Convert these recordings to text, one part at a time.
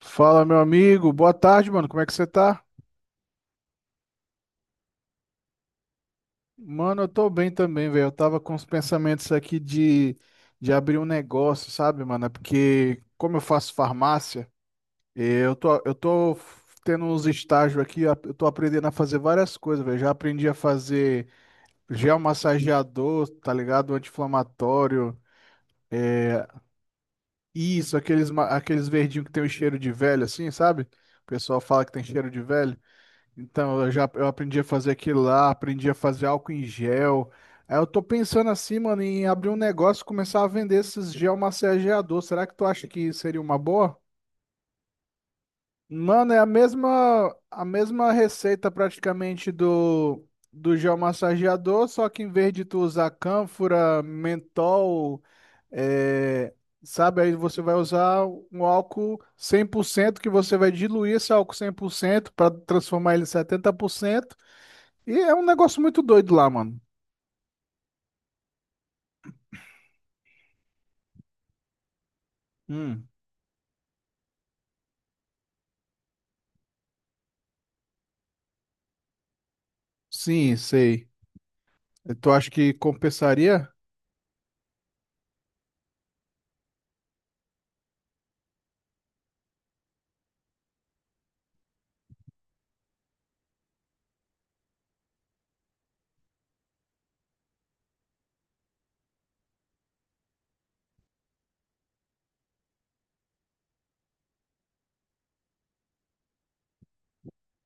Fala, meu amigo. Boa tarde, mano. Como é que você tá? Mano, eu tô bem também, velho. Eu tava com os pensamentos aqui de abrir um negócio, sabe, mano? É porque, como eu faço farmácia, eu tô tendo uns estágios aqui, eu tô aprendendo a fazer várias coisas, velho. Já aprendi a fazer gel massageador, tá ligado? Anti-inflamatório. É, isso, aqueles verdinhos que tem o cheiro de velho, assim, sabe? O pessoal fala que tem cheiro de velho. Então, eu aprendi a fazer aquilo lá, aprendi a fazer álcool em gel. Aí eu tô pensando assim, mano, em abrir um negócio e começar a vender esses gel massageador. Será que tu acha que seria uma boa? Mano, é a mesma receita praticamente do gel massageador, só que em vez de tu usar cânfora, mentol, é, sabe, aí você vai usar um álcool 100% que você vai diluir esse álcool 100% para transformar ele em 70%. E é um negócio muito doido lá, mano. Hum, sim, sei. Tu acha que compensaria?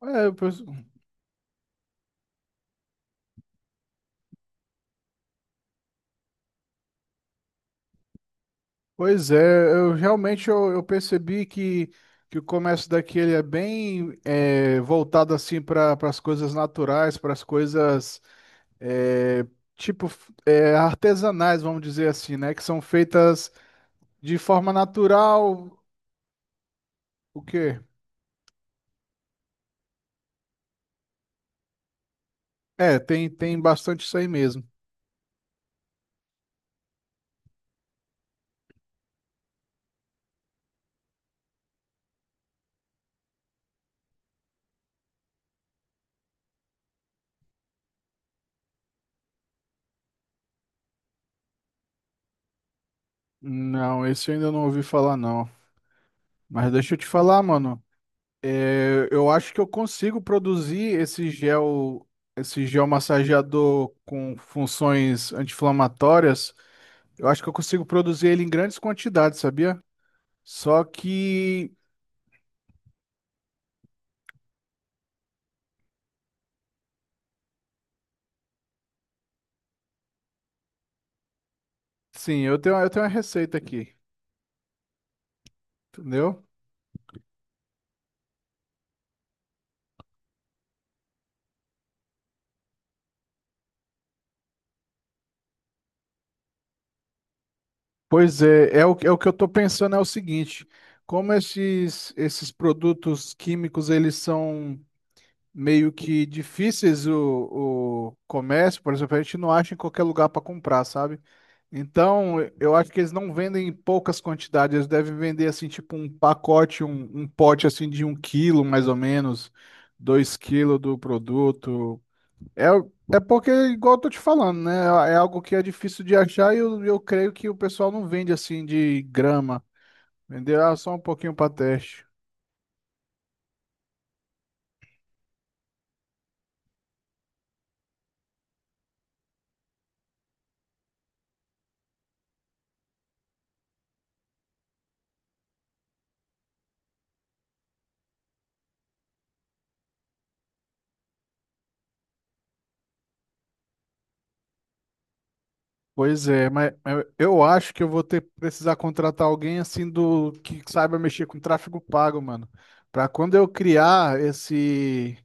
É, eu pens- Pois é, eu realmente eu percebi que o comércio daqui ele é bem é, voltado assim para as coisas naturais, para as coisas é, artesanais, vamos dizer assim, né? Que são feitas de forma natural. O quê? É, tem, tem bastante isso aí mesmo. Não, esse eu ainda não ouvi falar, não. Mas deixa eu te falar, mano. Eu acho que eu consigo produzir esse gel massageador com funções anti-inflamatórias. Eu acho que eu consigo produzir ele em grandes quantidades, sabia? Só que, sim, eu tenho uma receita aqui, entendeu? Pois é, é é o que eu estou pensando é o seguinte, como esses produtos químicos, eles são meio que difíceis o comércio, por exemplo, a gente não acha em qualquer lugar para comprar, sabe? Então, eu acho que eles não vendem em poucas quantidades, eles devem vender assim, tipo um pacote, um pote assim de um quilo, mais ou menos, dois quilos do produto. É, é porque, igual eu tô te falando, né? É algo que é difícil de achar e eu creio que o pessoal não vende assim de grama. Vender, ah, só um pouquinho para teste. Pois é, mas eu acho que eu vou ter precisar contratar alguém assim do que saiba mexer com tráfego pago, mano, para quando eu criar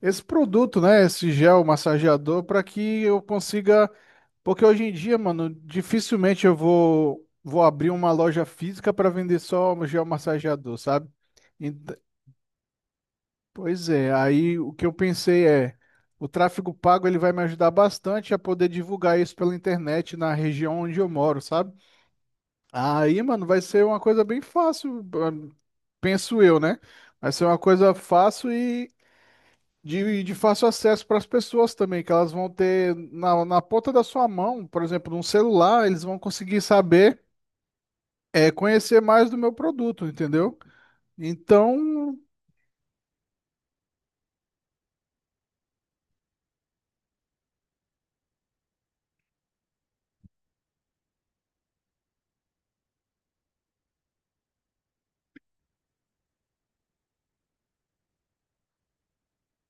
esse produto, né, esse gel massageador para que eu consiga, porque hoje em dia, mano, dificilmente eu vou abrir uma loja física para vender só o gel massageador, sabe? Ent- Pois é, aí o que eu pensei é: o tráfego pago ele vai me ajudar bastante a poder divulgar isso pela internet na região onde eu moro, sabe? Aí, mano, vai ser uma coisa bem fácil, ah, penso eu, né? Vai ser uma coisa fácil e de fácil acesso para as pessoas também, que elas vão ter na ponta da sua mão, por exemplo, num celular, eles vão conseguir saber, é, conhecer mais do meu produto, entendeu? Então,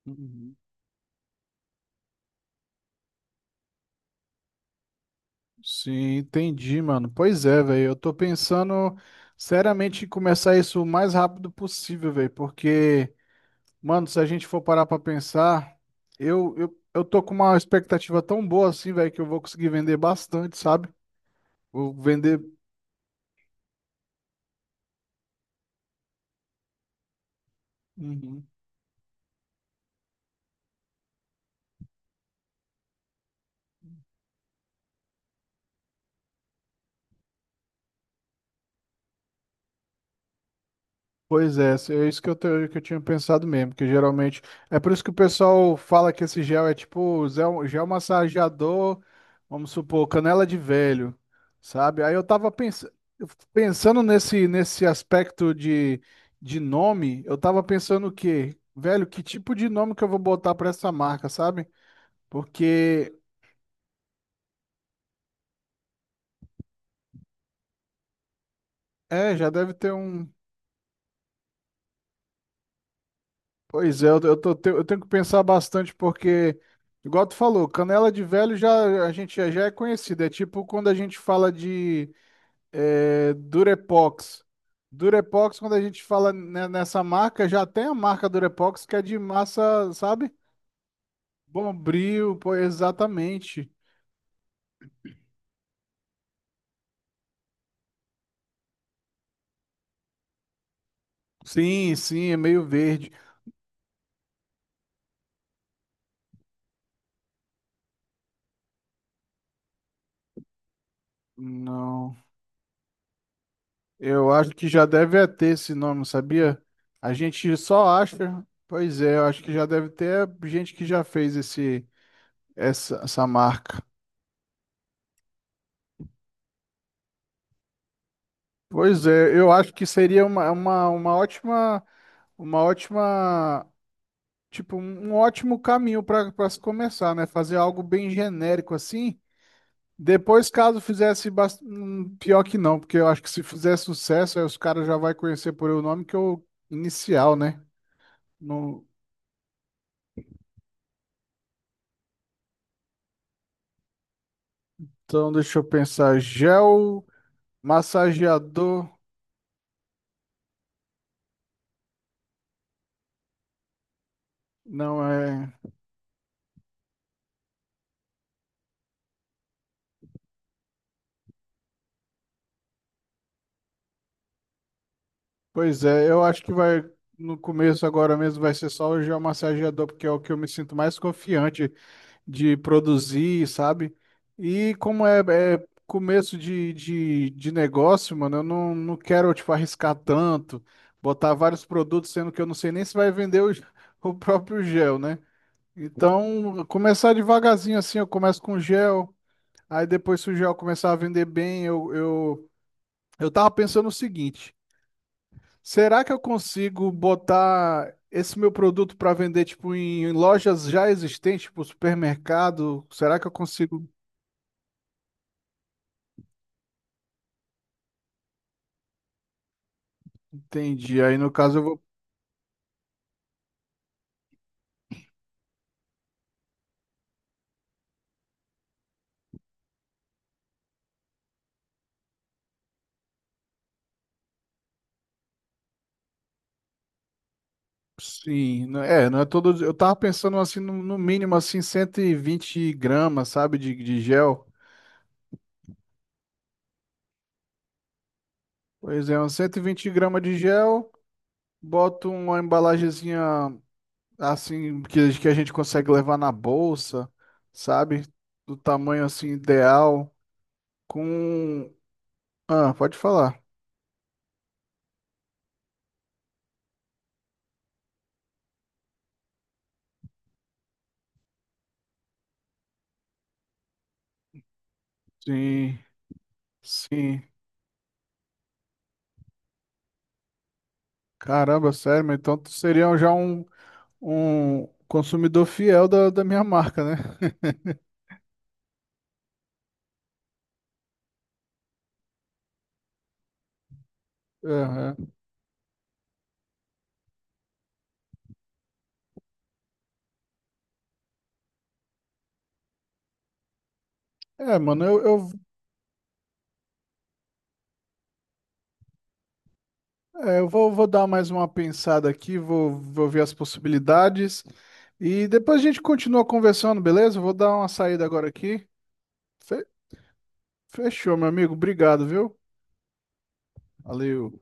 uhum. Sim, entendi, mano. Pois é, velho. Eu tô pensando seriamente em começar isso o mais rápido possível, velho. Porque, mano, se a gente for parar pra pensar, eu tô com uma expectativa tão boa assim, velho, que eu vou conseguir vender bastante, sabe? Vou vender. Uhum. Pois é, é isso que eu, que eu tinha pensado mesmo, que geralmente. É por isso que o pessoal fala que esse gel é tipo gel massageador, vamos supor, canela de velho, sabe? Aí eu tava pensando, pensando nesse aspecto de nome, eu tava pensando o quê? Velho, que tipo de nome que eu vou botar pra essa marca, sabe? Porque, é, já deve ter um. Pois é, eu tenho que pensar bastante porque, igual tu falou, canela de velho já a gente já já é conhecida. É tipo quando a gente fala de eh, Durepox. Durepox, quando a gente fala nessa marca, já tem a marca Durepox que é de massa, sabe? Bombril, pô, exatamente. Sim, sim, é meio verde. Não, eu acho que já deve é ter esse nome, sabia? A gente só acha. Pois é, eu acho que já deve ter gente que já fez esse. Essa marca. Pois é, eu acho que seria uma, uma ótima, tipo, um ótimo caminho para se começar, né? Fazer algo bem genérico assim. Depois, caso fizesse pior que não, porque eu acho que se fizer sucesso, aí os caras já vai conhecer por o nome que eu inicial, né? Não- Então, deixa eu pensar. Gel massageador, não é. Pois é, eu acho que vai no começo agora mesmo vai ser só o geomassageador, porque é o que eu me sinto mais confiante de produzir, sabe? E como é, é começo de negócio, mano, eu não quero, tipo, arriscar tanto, botar vários produtos, sendo que eu não sei nem se vai vender o próprio gel, né? Então, começar devagarzinho assim, eu começo com gel, aí depois se o gel começar a vender bem, eu tava pensando o seguinte. Será que eu consigo botar esse meu produto para vender tipo em, em lojas já existentes, tipo supermercado? Será que eu consigo? Entendi. Aí no caso eu vou sim, é, não é todo, eu tava pensando assim no mínimo assim 120 gramas, sabe, de gel. Pois é, uns 120 gramas de gel, boto uma embalagenzinha assim que a gente consegue levar na bolsa, sabe? Do tamanho assim ideal com... Ah, pode falar. Sim, sim. Caramba, sério, mas então tu seria um, já um, um consumidor fiel da minha marca, né? Aham. É, é, mano, eu vou, vou dar mais uma pensada aqui, vou, vou ver as possibilidades e depois a gente continua conversando, beleza? Eu vou dar uma saída agora aqui. Fe- Fechou, meu amigo. Obrigado, viu? Valeu.